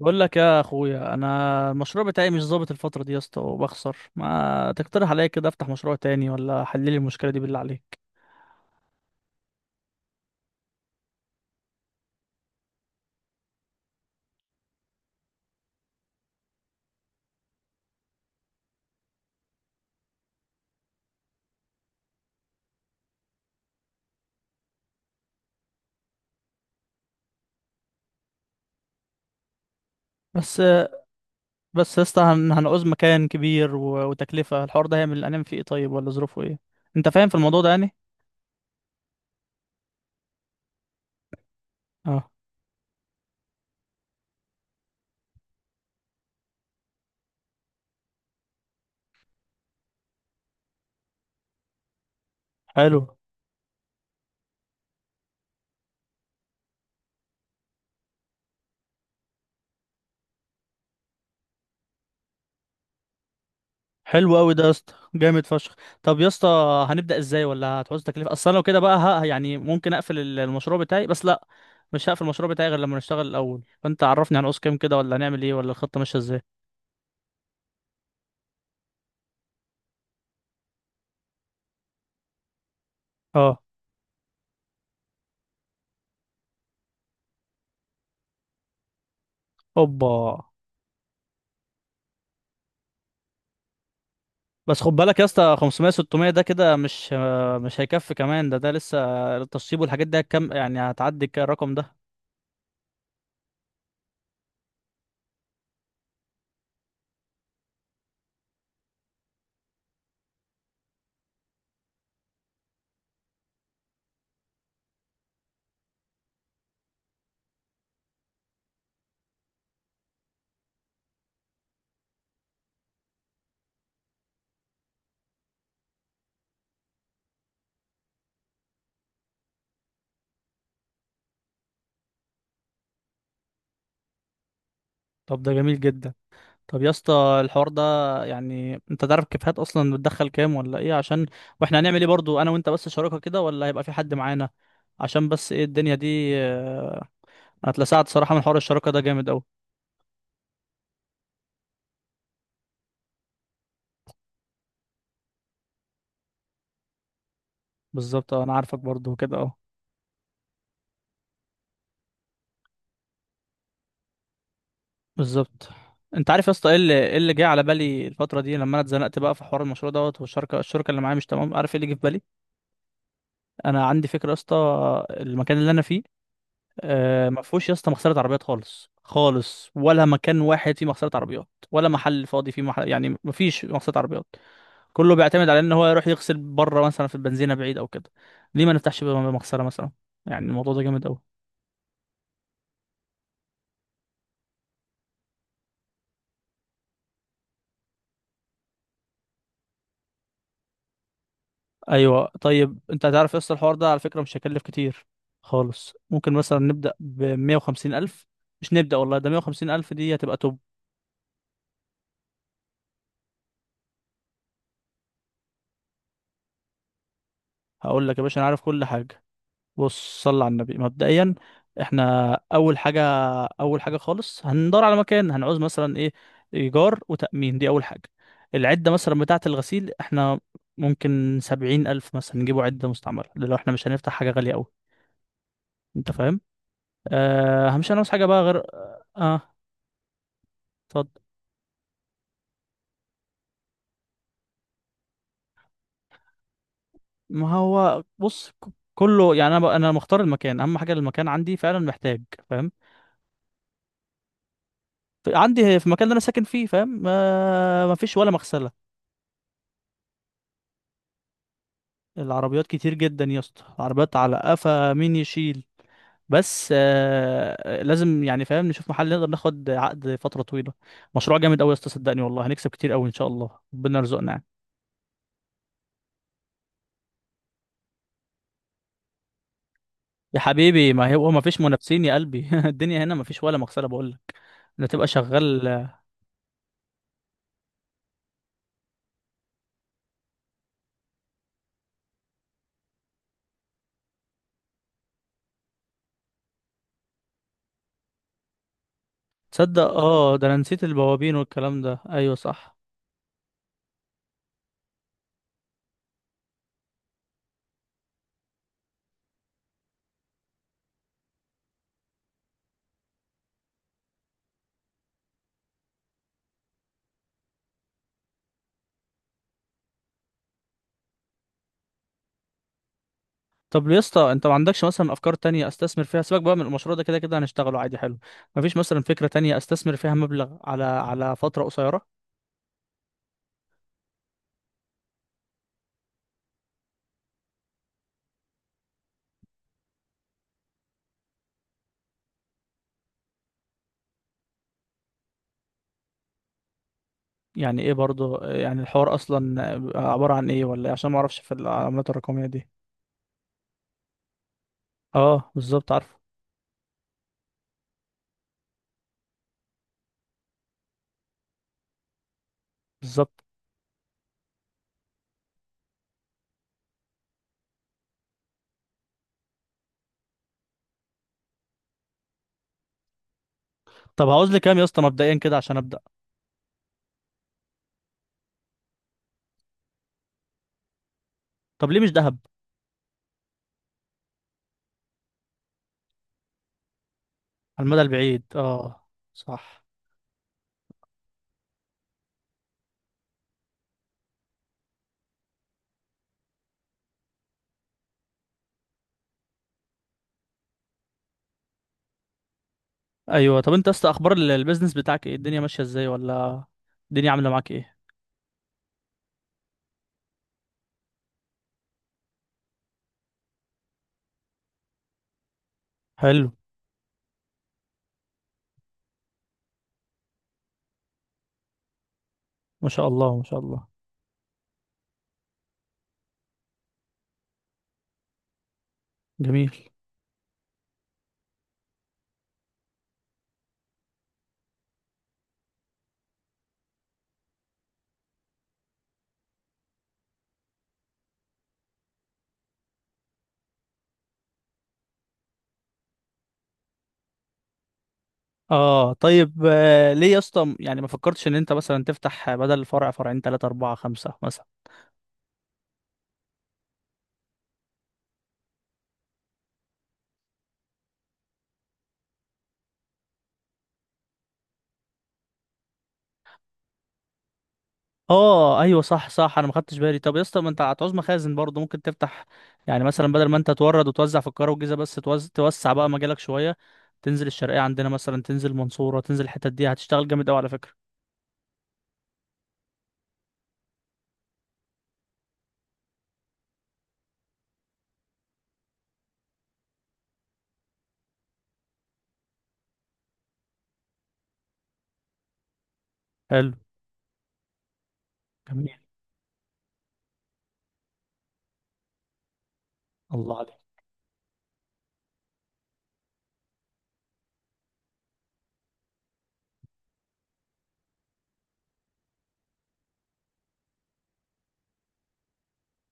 بقول لك يا اخويا، انا المشروع بتاعي مش ظابط الفتره دي يا اسطى وبخسر. ما تقترح عليا كده افتح مشروع تاني ولا حل لي المشكله دي بالله عليك. بس يا اسطى هنعوز مكان كبير وتكلفه الحوار ده هيعمل انام فيه ايه طيب، ولا ظروفه ايه؟ انت فاهم في الموضوع ده يعني؟ اه. حلو. حلو قوي ده يا اسطى، جامد فشخ. طب يا اسطى هنبدا ازاي، ولا هتعوز تكلفه؟ اصل انا لو كده بقى ها، يعني ممكن اقفل المشروع بتاعي. بس لا، مش هقفل المشروع بتاعي غير لما نشتغل الاول. فانت عرفني هنعوز كام كده، ولا هنعمل ايه، ولا الخطه ماشيه ازاي. اه. اوبا. بس خد بالك يا اسطى، 500 600 ده كده مش مش هيكفي. كمان ده ده لسه التشطيب والحاجات دي هتكم، يعني هتعدي الرقم ده. طب ده جميل جدا. طب يا اسطى، الحوار ده يعني انت تعرف كيفيات اصلا؟ بتدخل كام ولا ايه؟ عشان واحنا هنعمل ايه برضو، انا وانت بس شراكه كده ولا هيبقى في حد معانا؟ عشان بس ايه الدنيا دي هتلسعت صراحه من حوار الشراكه ده جامد قوي. بالظبط انا عارفك برضو كده اهو. بالظبط. انت عارف يا اسطى ايه اللي ايه اللي جه على بالي الفتره دي؟ لما انا اتزنقت بقى في حوار المشروع دوت، والشركه اللي معايا مش تمام. عارف ايه اللي جه في بالي؟ انا عندي فكره يا اسطى. المكان اللي انا فيه، آه، ما فيهوش يا اسطى مغسله عربيات خالص خالص، ولا مكان واحد فيه مغسله عربيات، ولا محل فاضي فيه محل يعني، ما فيش مغسله عربيات. كله بيعتمد على ان هو يروح يغسل بره، مثلا في البنزينه بعيد او كده. ليه ما نفتحش بقى مغسله مثلا؟ يعني الموضوع ده جامد. ايوه. طيب انت هتعرف يس، الحوار ده على فكره مش هيكلف كتير خالص. ممكن مثلا نبدا ب 150 الف. مش نبدا والله، ده 150 الف دي هتبقى توب. هقول لك يا باشا، انا عارف كل حاجه. بص صل على النبي. مبدئيا احنا اول حاجه، اول حاجه خالص هندور على مكان. هنعوز مثلا ايه؟ ايجار وتامين، دي اول حاجه. العده مثلا بتاعه الغسيل، احنا ممكن 70 الف مثلا نجيبوا عده مستعمله، ده لو احنا مش هنفتح حاجه غاليه قوي. انت فاهم؟ آه. مش هنعوز حاجه بقى غير اه اتفضل. ما هو بص كله يعني. انا انا مختار المكان. اهم حاجه المكان، عندي فعلا محتاج. فاهم؟ عندي في المكان اللي انا ساكن فيه، فاهم؟ ما فيش ولا مغسله. العربيات كتير جدا يا اسطى، العربيات على قفا مين يشيل. بس آه لازم يعني، فاهم، نشوف محل نقدر ناخد عقد فتره طويله. مشروع جامد قوي يا اسطى، صدقني والله هنكسب كتير قوي ان شاء الله، ربنا يرزقنا يعني. يا حبيبي ما هو ما فيش منافسين يا قلبي الدنيا هنا ما فيش ولا مغسله بقول لك. انت تبقى شغال. تصدق اه، ده انا نسيت البوابين والكلام ده، ايوه صح. طب يا اسطى، انت ما عندكش مثلا افكار تانية استثمر فيها؟ سيبك بقى من المشروع ده، كده كده هنشتغله عادي. حلو. مفيش مثلا فكرة تانية استثمر فيها مبلغ على فترة قصيرة؟ يعني ايه برضو يعني الحوار اصلا عبارة عن ايه ولا إيه؟ عشان ما اعرفش في العملات الرقمية دي. اه بالظبط، عارف. بالظبط. طب هعوز لي كام يا اسطى مبدئيا كده عشان ابدا؟ طب ليه مش ذهب؟ على المدى البعيد اه. صح. ايوه طب انت يا اسطى، اخبار البيزنس بتاعك ايه؟ الدنيا ماشية ازاي ولا؟ الدنيا عاملة معاك ايه؟ حلو. ما شاء الله ما شاء الله. جميل. اه طيب آه، ليه يا اسطى يعني ما فكرتش ان انت مثلا تفتح بدل فرع، فرعين ثلاثة أربعة خمسة مثلا؟ اه ايوه صح صح، انا ما خدتش بالي. طب يا اسطى، ما انت هتعوز مخازن برضه، ممكن تفتح يعني. مثلا بدل ما انت تورد وتوزع في القاهرة والجيزة بس، توسع بقى مجالك شوية. تنزل الشرقية عندنا مثلا، تنزل المنصورة، تنزل الحتت دي، هتشتغل جامد قوي على فكرة. حلو. جميل. الله عليك.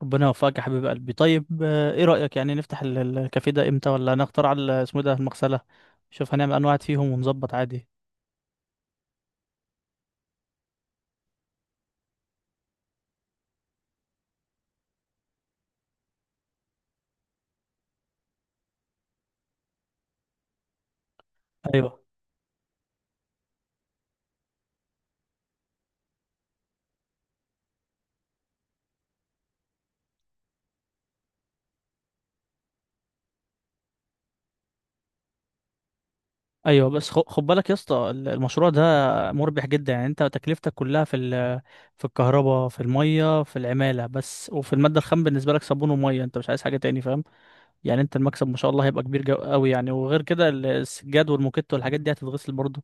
ربنا يوفقك يا حبيب قلبي. طيب ايه رأيك يعني نفتح الكافيه ده امتى، ولا نختار على اسمه إيه ده، المغسلة؟ نشوف هنعمل انواع فيهم ونظبط عادي. ايوه. ايوه بس خد بالك يا اسطى، المشروع ده مربح جدا. يعني انت تكلفتك كلها في في الكهرباء، في المية، في العمالة بس، وفي المادة الخام بالنسبة لك صابون ومية، انت مش عايز حاجة تاني، فاهم؟ يعني انت المكسب ما شاء الله هيبقى كبير قوي يعني. وغير كده السجاد والموكيت والحاجات دي هتتغسل برضه،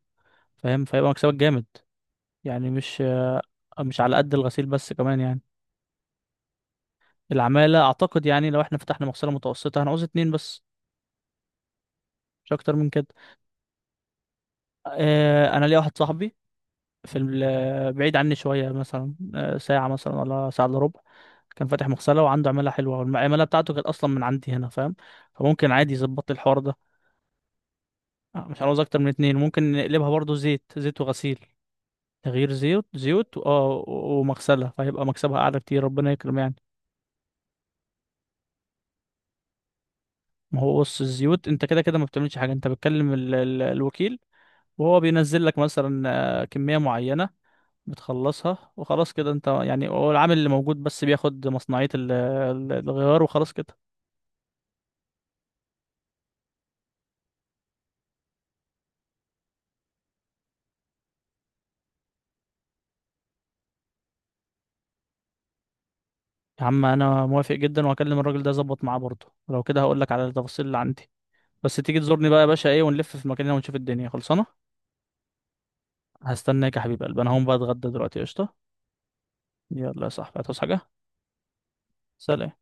فاهم؟ فيبقى مكسبك جامد، يعني مش مش على قد الغسيل بس كمان يعني. العمالة أعتقد يعني لو احنا فتحنا مغسلة متوسطة هنعوز اتنين بس، مش أكتر من كده. أنا ليا واحد صاحبي في بعيد عني شوية مثلا، ساعة مثلا ولا ساعة إلا ربع، كان فاتح مغسلة وعنده عمالة حلوة، والعمالة بتاعته كانت أصلا من عندي هنا، فاهم؟ فممكن عادي يظبط لي الحوار ده. مش هنعوز أكتر من اتنين. ممكن نقلبها برضو زيت زيت وغسيل، تغيير زيوت، ومغسلة، فهيبقى مكسبها أعلى كتير، ربنا يكرم يعني. ما هو بص الزيوت انت كده كده ما بتعملش حاجة، انت بتكلم الوكيل، وهو بينزل لك مثلا كمية معينة، بتخلصها وخلاص كده. انت يعني هو العامل اللي موجود بس بياخد مصنعية الغيار وخلاص كده. يا عم انا موافق جدا، وهكلم الراجل ده اظبط معاه برضه، ولو كده هقول لك على التفاصيل اللي عندي. بس تيجي تزورني بقى يا باشا ايه، ونلف في مكاننا ونشوف الدنيا خلصانة. هستناك يا حبيب قلبي. انا هقوم بقى اتغدى دلوقتي، قشطة. يلا يا صاحبي، هتعوز حاجة؟ سلام.